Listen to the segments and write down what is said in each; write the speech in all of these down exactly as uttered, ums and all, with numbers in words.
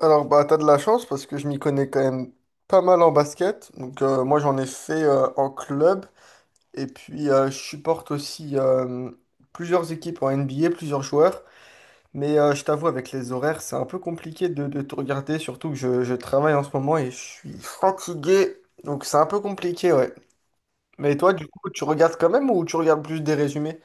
Alors, bah, t'as de la chance parce que je m'y connais quand même pas mal en basket. Donc, euh, moi, j'en ai fait euh, en club. Et puis, euh, je supporte aussi euh, plusieurs équipes en N B A, plusieurs joueurs. Mais euh, je t'avoue, avec les horaires, c'est un peu compliqué de, de tout regarder. Surtout que je, je travaille en ce moment et je suis fatigué. Donc, c'est un peu compliqué, ouais. Mais toi, du coup, tu regardes quand même ou tu regardes plus des résumés?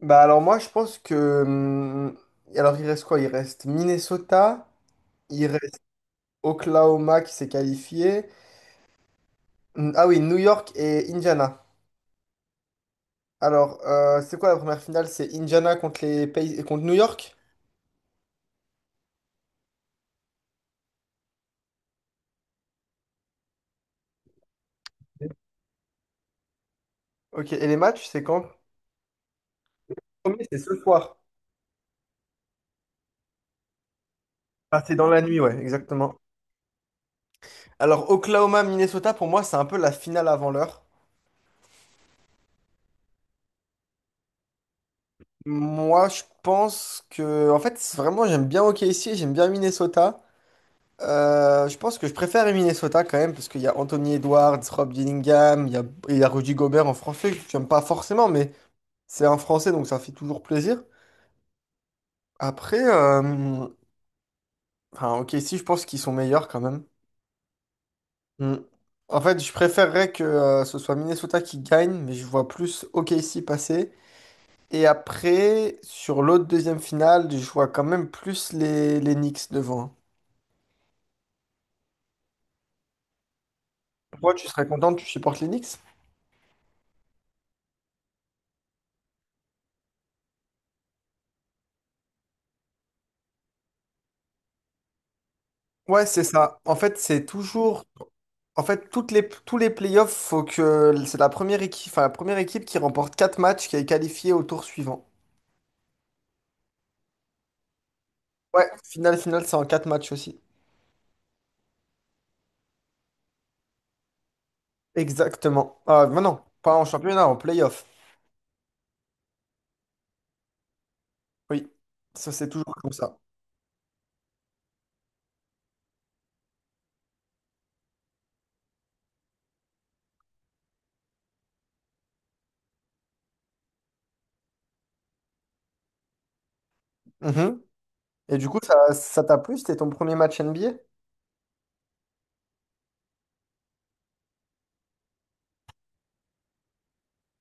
Bah, alors, moi, je pense que. Hum, alors, il reste quoi? Il reste Minnesota. Il reste Oklahoma qui s'est qualifié. N- Ah oui, New York et Indiana. Alors, euh, c'est quoi la première finale? C'est Indiana contre les pays... contre New York? Ok, et les matchs, c'est quand? Le premier, c'est ce soir. Ah, c'est dans la nuit, ouais, exactement. Alors, Oklahoma, Minnesota, pour moi, c'est un peu la finale avant l'heure. Moi, je pense que, en fait, c'est vraiment, j'aime bien O K C, j'aime bien Minnesota. Euh, je pense que je préfère Minnesota quand même, parce qu'il y a Anthony Edwards, Rob Dillingham, il y a, il y a Rudy Gobert en français, que j'aime pas forcément, mais c'est un Français, donc ça fait toujours plaisir. Après, euh, enfin, ok, si je pense qu'ils sont meilleurs quand même. Mm. En fait, je préférerais que euh, ce soit Minnesota qui gagne, mais je vois plus O K C passer. Et après, sur l'autre deuxième finale, je vois quand même plus les, les Knicks devant. Toi, tu serais content, tu supportes les Knicks? Ouais, c'est ça. En fait, c'est toujours. En fait, toutes les, tous les playoffs, faut que c'est la première équipe, enfin, la première équipe qui remporte quatre matchs qui est qualifiée au tour suivant. Ouais, finale, finale, c'est en quatre matchs aussi. Exactement. Ah, mais non, pas en championnat, en play-off. Oui, ça c'est toujours comme ça. Mhm. Et du coup, ça, ça t'a plu? C'était ton premier match N B A?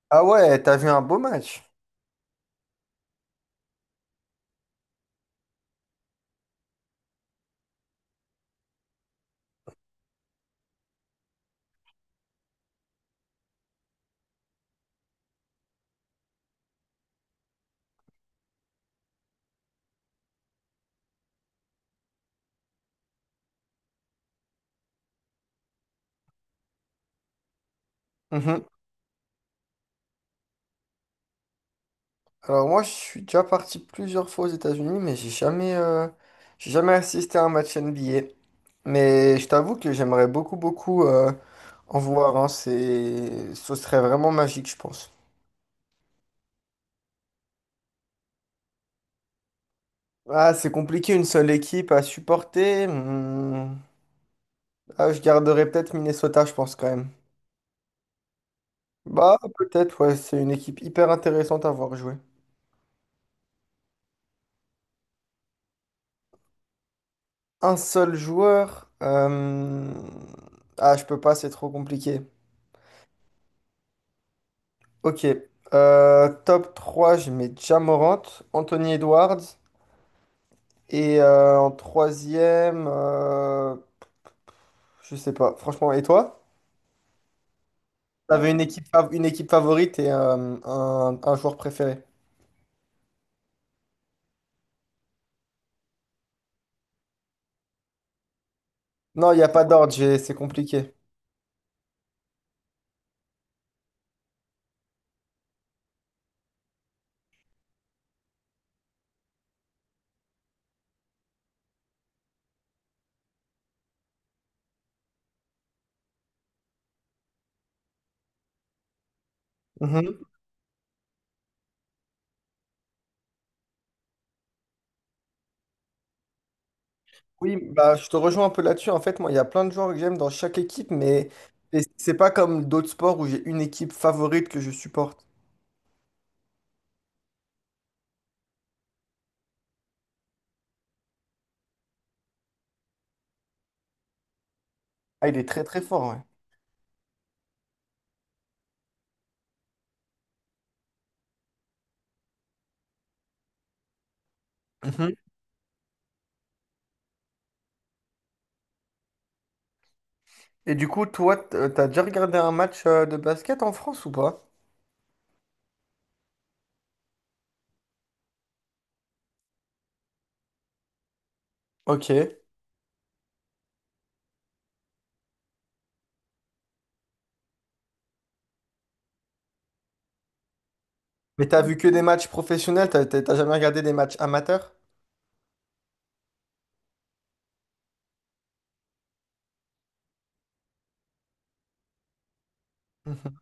Ah ouais, t'as vu un beau match. Mhm. Alors moi, je suis déjà parti plusieurs fois aux États-Unis, mais j'ai jamais, euh, j'ai jamais assisté à un match N B A. Mais je t'avoue que j'aimerais beaucoup, beaucoup euh, en voir, hein. C'est, ce serait vraiment magique, je pense. Ah, c'est compliqué une seule équipe à supporter. Hmm, Ah, je garderai peut-être Minnesota, je pense quand même. Bah, peut-être, ouais, c'est une équipe hyper intéressante à voir jouer. Un seul joueur. euh, Ah, je peux pas, c'est trop compliqué. Ok. euh, top trois, je mets Ja Morant, Anthony Edwards. Et euh, en troisième, euh, je sais pas. Franchement, et toi? T'avais une équipe, fav- une équipe favorite et euh, un, un joueur préféré. Non, il n'y a pas d'ordre, j'ai- c'est compliqué. Mhm. Oui, bah, je te rejoins un peu là-dessus. En fait, moi, il y a plein de joueurs que j'aime dans chaque équipe, mais et c'est pas comme d'autres sports où j'ai une équipe favorite que je supporte. Ah, il est très très fort, ouais. Mhm. Et du coup, toi, t- euh, t'as déjà regardé un match euh, de basket en France ou pas? Ok. Mais t'as vu que des matchs professionnels, t'as t'as- t'as jamais regardé des matchs amateurs? Mhm.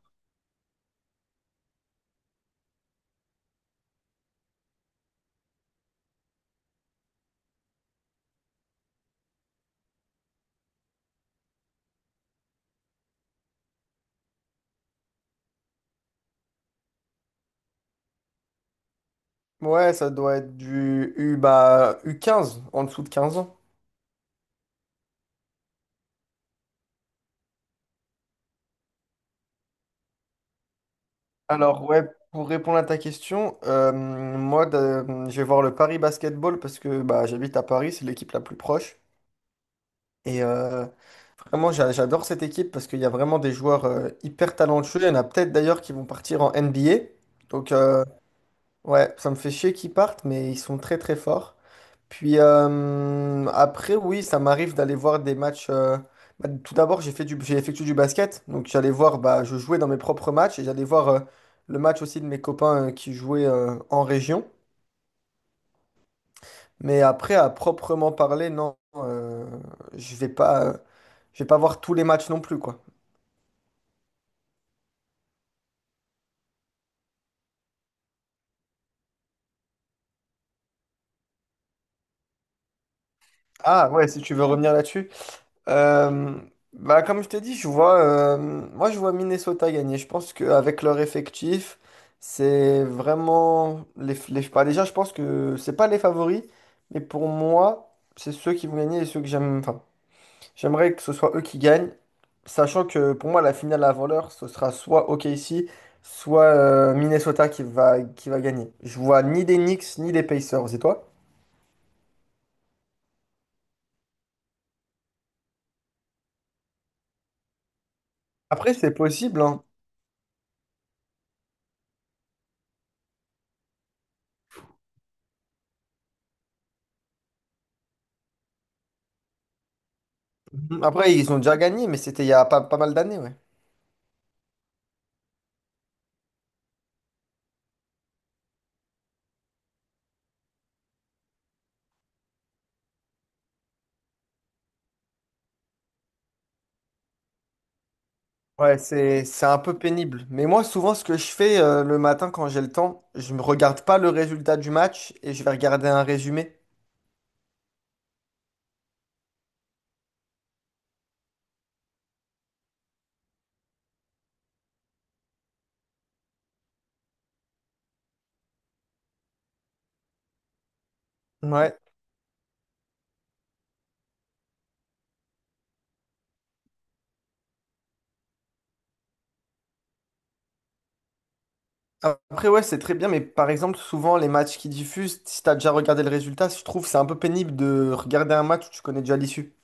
Ouais, ça doit être du U, bah, u quinze en dessous de quinze ans. Alors, ouais, pour répondre à ta question, euh, moi, de- je vais voir le Paris Basketball parce que bah, j'habite à Paris, c'est l'équipe la plus proche. Et euh, vraiment, j'a- j'adore cette équipe parce qu'il y a vraiment des joueurs euh, hyper talentueux. Il y en a peut-être d'ailleurs qui vont partir en N B A. Donc, euh, ouais, ça me fait chier qu'ils partent, mais ils sont très très forts. Puis euh, après, oui, ça m'arrive d'aller voir des matchs. euh, bah, tout d'abord, j'ai fait du, j'ai effectué du basket. Donc j'allais voir, bah, je jouais dans mes propres matchs et j'allais voir euh, le match aussi de mes copains euh, qui jouaient euh, en région. Mais après, à proprement parler, non, euh, je vais pas, euh, je vais pas voir tous les matchs non plus, quoi. Ah ouais, si tu veux revenir là-dessus. Euh, bah, comme je t'ai dit je vois, euh, moi je vois Minnesota gagner. Je pense qu'avec leur effectif, c'est vraiment les, les- bah, déjà, je pense que c'est pas les favoris, mais pour moi, c'est ceux qui vont gagner et ceux que j'aime. Enfin, j'aimerais que ce soit eux qui gagnent, sachant que pour moi la finale avant l'heure, ce sera soit O K C, soit euh, Minnesota qui va qui va gagner. Je vois ni des Knicks ni des Pacers. Et toi? Après, c'est possible, hein. Après, ils ont déjà gagné, mais c'était il y a pas, pas mal d'années, ouais. Ouais, c'est c'est un peu pénible. Mais moi, souvent, ce que je fais euh, le matin quand j'ai le temps, je ne regarde pas le résultat du match et je vais regarder un résumé. Ouais. Après, ouais, c'est très bien, mais par exemple, souvent, les matchs qui diffusent, si t'as déjà regardé le résultat, je trouve que c'est un peu pénible de regarder un match où tu connais déjà l'issue.